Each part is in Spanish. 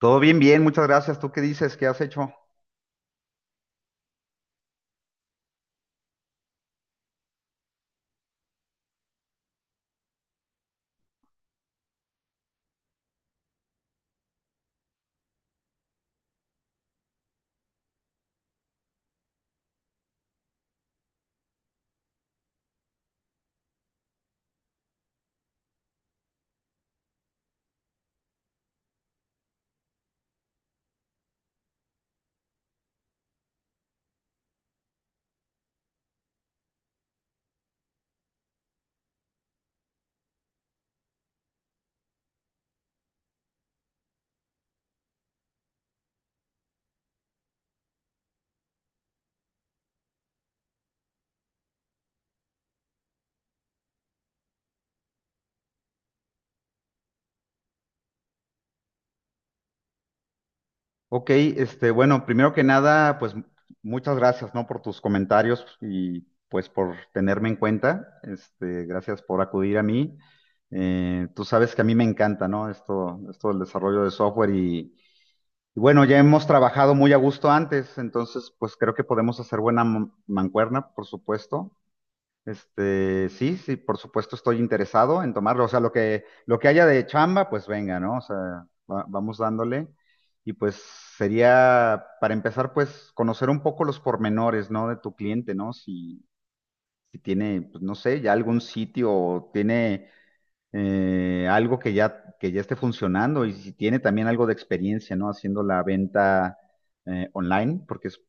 Todo bien, bien, muchas gracias. ¿Tú qué dices? ¿Qué has hecho? Ok, este, bueno, primero que nada, pues muchas gracias, ¿no? Por tus comentarios y pues por tenerme en cuenta. Este, gracias por acudir a mí. Tú sabes que a mí me encanta, ¿no? Esto del desarrollo de software y bueno, ya hemos trabajado muy a gusto antes, entonces pues creo que podemos hacer buena mancuerna, por supuesto. Este, sí, sí, por supuesto estoy interesado en tomarlo. O sea, lo que haya de chamba, pues venga, ¿no? O sea, vamos dándole. Y pues sería, para empezar, pues conocer un poco los pormenores, ¿no? De tu cliente, ¿no? Si, si tiene, pues no sé, ya algún sitio o tiene algo que ya esté funcionando y si tiene también algo de experiencia, ¿no? Haciendo la venta online, porque es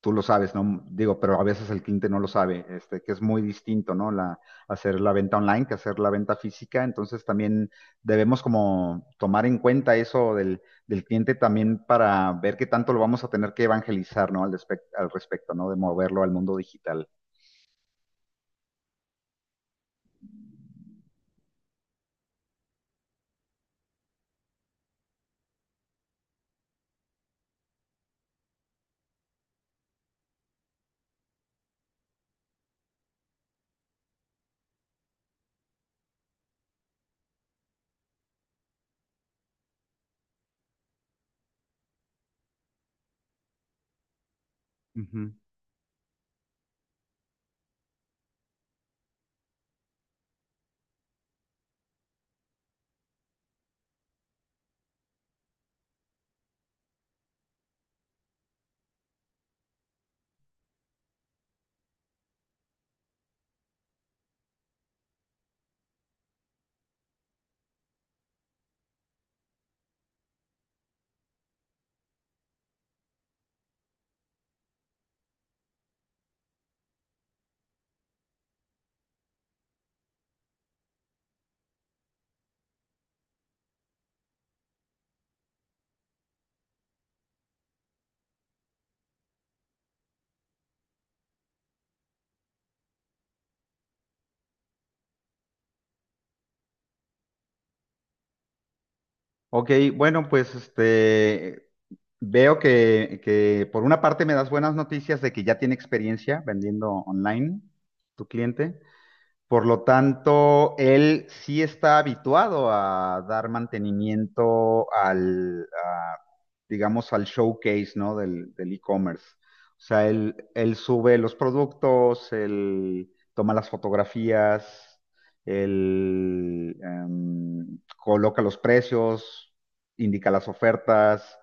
tú lo sabes, ¿no? Digo, pero a veces el cliente no lo sabe, este, que es muy distinto, ¿no? Hacer la venta online que hacer la venta física. Entonces también debemos como tomar en cuenta eso del cliente también para ver qué tanto lo vamos a tener que evangelizar, ¿no? Al respecto, ¿no? De moverlo al mundo digital. Ujú. Ok, bueno, pues este. Veo que por una parte me das buenas noticias de que ya tiene experiencia vendiendo online tu cliente. Por lo tanto, él sí está habituado a dar mantenimiento digamos, al showcase, ¿no? Del e-commerce. O sea, él sube los productos, él toma las fotografías, él coloca los precios, indica las ofertas,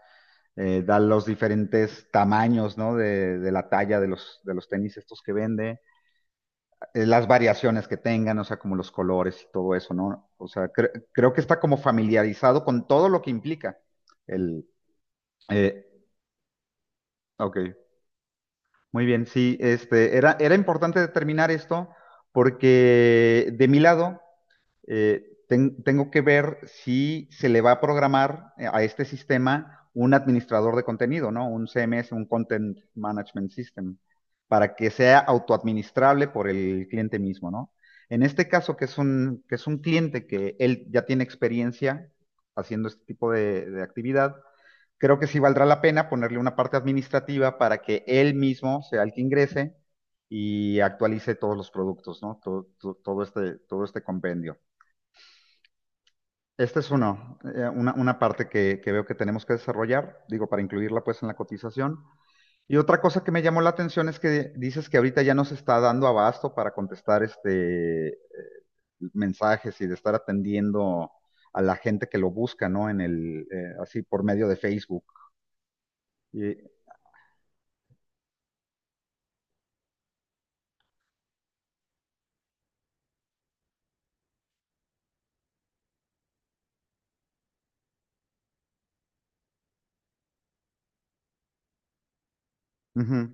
da los diferentes tamaños, ¿no? De la talla de los tenis estos que vende las variaciones que tengan, o sea, como los colores y todo eso, ¿no? O sea, creo que está como familiarizado con todo lo que implica el. Eh, ok, muy bien, sí, este, era importante determinar esto porque de mi lado tengo que ver si se le va a programar a este sistema un administrador de contenido, ¿no? Un CMS, un Content Management System, para que sea autoadministrable por el cliente mismo, ¿no? En este caso, que es un cliente que él ya tiene experiencia haciendo este tipo de actividad, creo que sí valdrá la pena ponerle una parte administrativa para que él mismo sea el que ingrese y actualice todos los productos, ¿no? Todo este compendio. Este es uno, una parte que veo que tenemos que desarrollar, digo, para incluirla pues en la cotización. Y otra cosa que me llamó la atención es que dices que ahorita ya no se está dando abasto para contestar mensajes y de estar atendiendo a la gente que lo busca, ¿no? Así por medio de Facebook. Y, Ujú.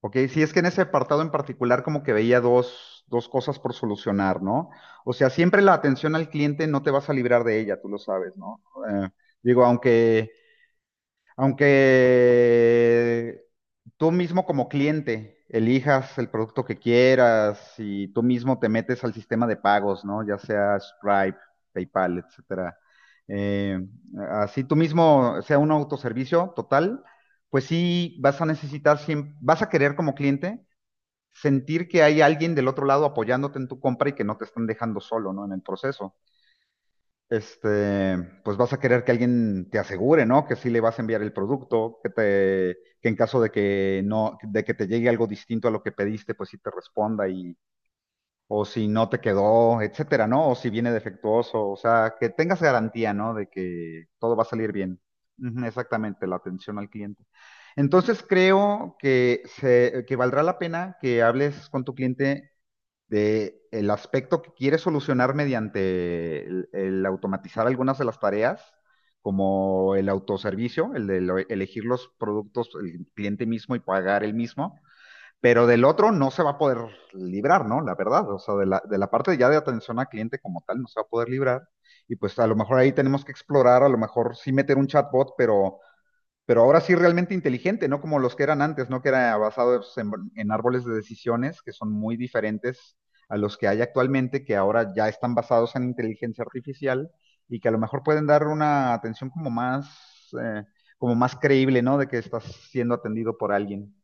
Ok, sí, es que en ese apartado en particular como que veía dos cosas por solucionar, ¿no? O sea, siempre la atención al cliente no te vas a librar de ella, tú lo sabes, ¿no? Eh, digo, aunque tú mismo como cliente elijas el producto que quieras y tú mismo te metes al sistema de pagos, ¿no? Ya sea Stripe, PayPal, etcétera. Eh, así tú mismo sea un autoservicio total, pues sí vas a necesitar, vas a querer como cliente sentir que hay alguien del otro lado apoyándote en tu compra y que no te están dejando solo, ¿no? En el proceso este, pues vas a querer que alguien te asegure, ¿no? Que sí le vas a enviar el producto, que en caso de que no, de que te llegue algo distinto a lo que pediste, pues sí te responda o si no te quedó, etcétera, ¿no? O si viene defectuoso, o sea, que tengas garantía, ¿no? De que todo va a salir bien. Ujú, exactamente, la atención al cliente. Entonces creo que valdrá la pena que hables con tu cliente de el aspecto que quiere solucionar mediante el automatizar algunas de las tareas, como el autoservicio, el de elegir los productos el cliente mismo y pagar el mismo, pero del otro no se va a poder librar, ¿no? La verdad, o sea, de la parte ya de atención al cliente como tal no se va a poder librar. Y pues a lo mejor ahí tenemos que explorar, a lo mejor sí meter un chatbot, pero ahora sí realmente inteligente, no como los que eran antes, ¿no? Que era basado en árboles de decisiones que son muy diferentes a los que hay actualmente, que ahora ya están basados en inteligencia artificial y que a lo mejor pueden dar una atención eh, como más creíble, ¿no? De que estás siendo atendido por alguien.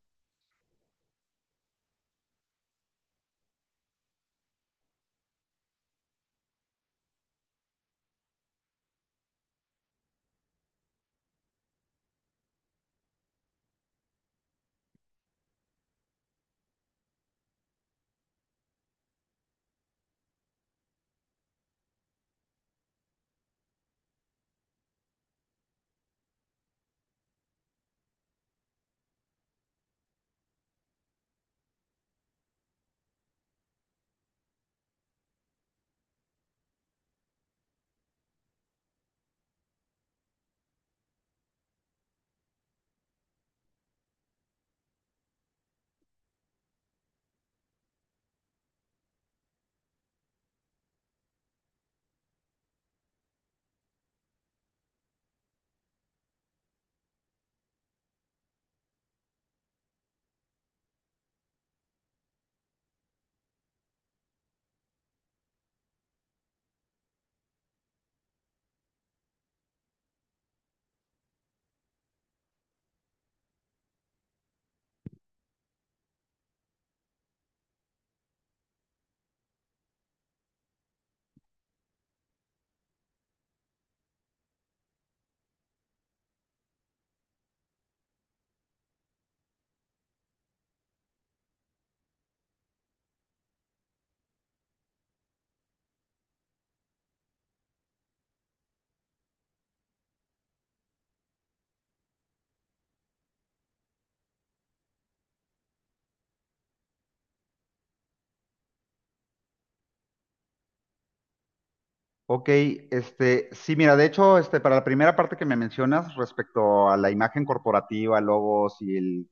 Ok, este, sí, mira, de hecho, este, para la primera parte que me mencionas respecto a la imagen corporativa, logos y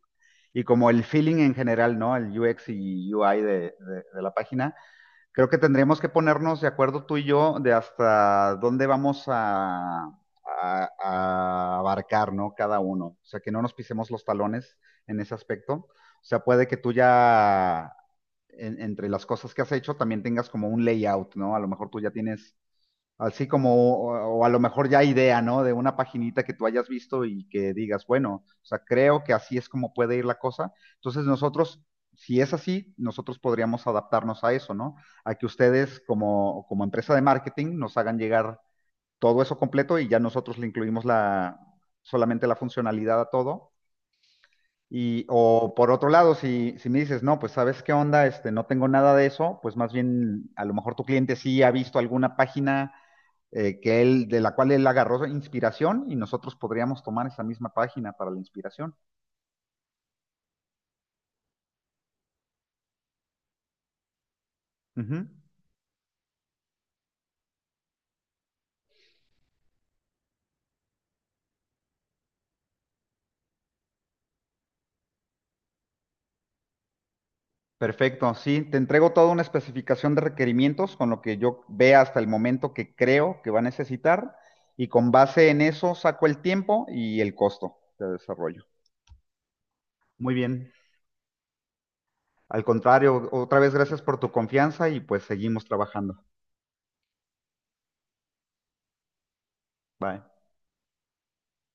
y como el feeling en general, ¿no? El UX y UI de la página. Creo que tendríamos que ponernos de acuerdo tú y yo de hasta dónde vamos a abarcar, ¿no? Cada uno. O sea, que no nos pisemos los talones en ese aspecto. O sea, puede que tú ya entre las cosas que has hecho también tengas como un layout, ¿no? A lo mejor tú ya tienes, así como, o a lo mejor ya idea, ¿no? De una paginita que tú hayas visto y que digas, bueno, o sea, creo que así es como puede ir la cosa. Entonces nosotros, si es así, nosotros podríamos adaptarnos a eso, ¿no? A que ustedes como empresa de marketing nos hagan llegar todo eso completo y ya nosotros le incluimos solamente la funcionalidad a todo o por otro lado, si me dices, no, pues sabes qué onda, este, no tengo nada de eso, pues más bien a lo mejor tu cliente sí ha visto alguna página de la cual él agarró inspiración y nosotros podríamos tomar esa misma página para la inspiración. Ujú. Perfecto, sí, te entrego toda una especificación de requerimientos con lo que yo vea hasta el momento que creo que va a necesitar y con base en eso saco el tiempo y el costo de desarrollo. Muy bien. Al contrario, otra vez gracias por tu confianza y pues seguimos trabajando. Bye.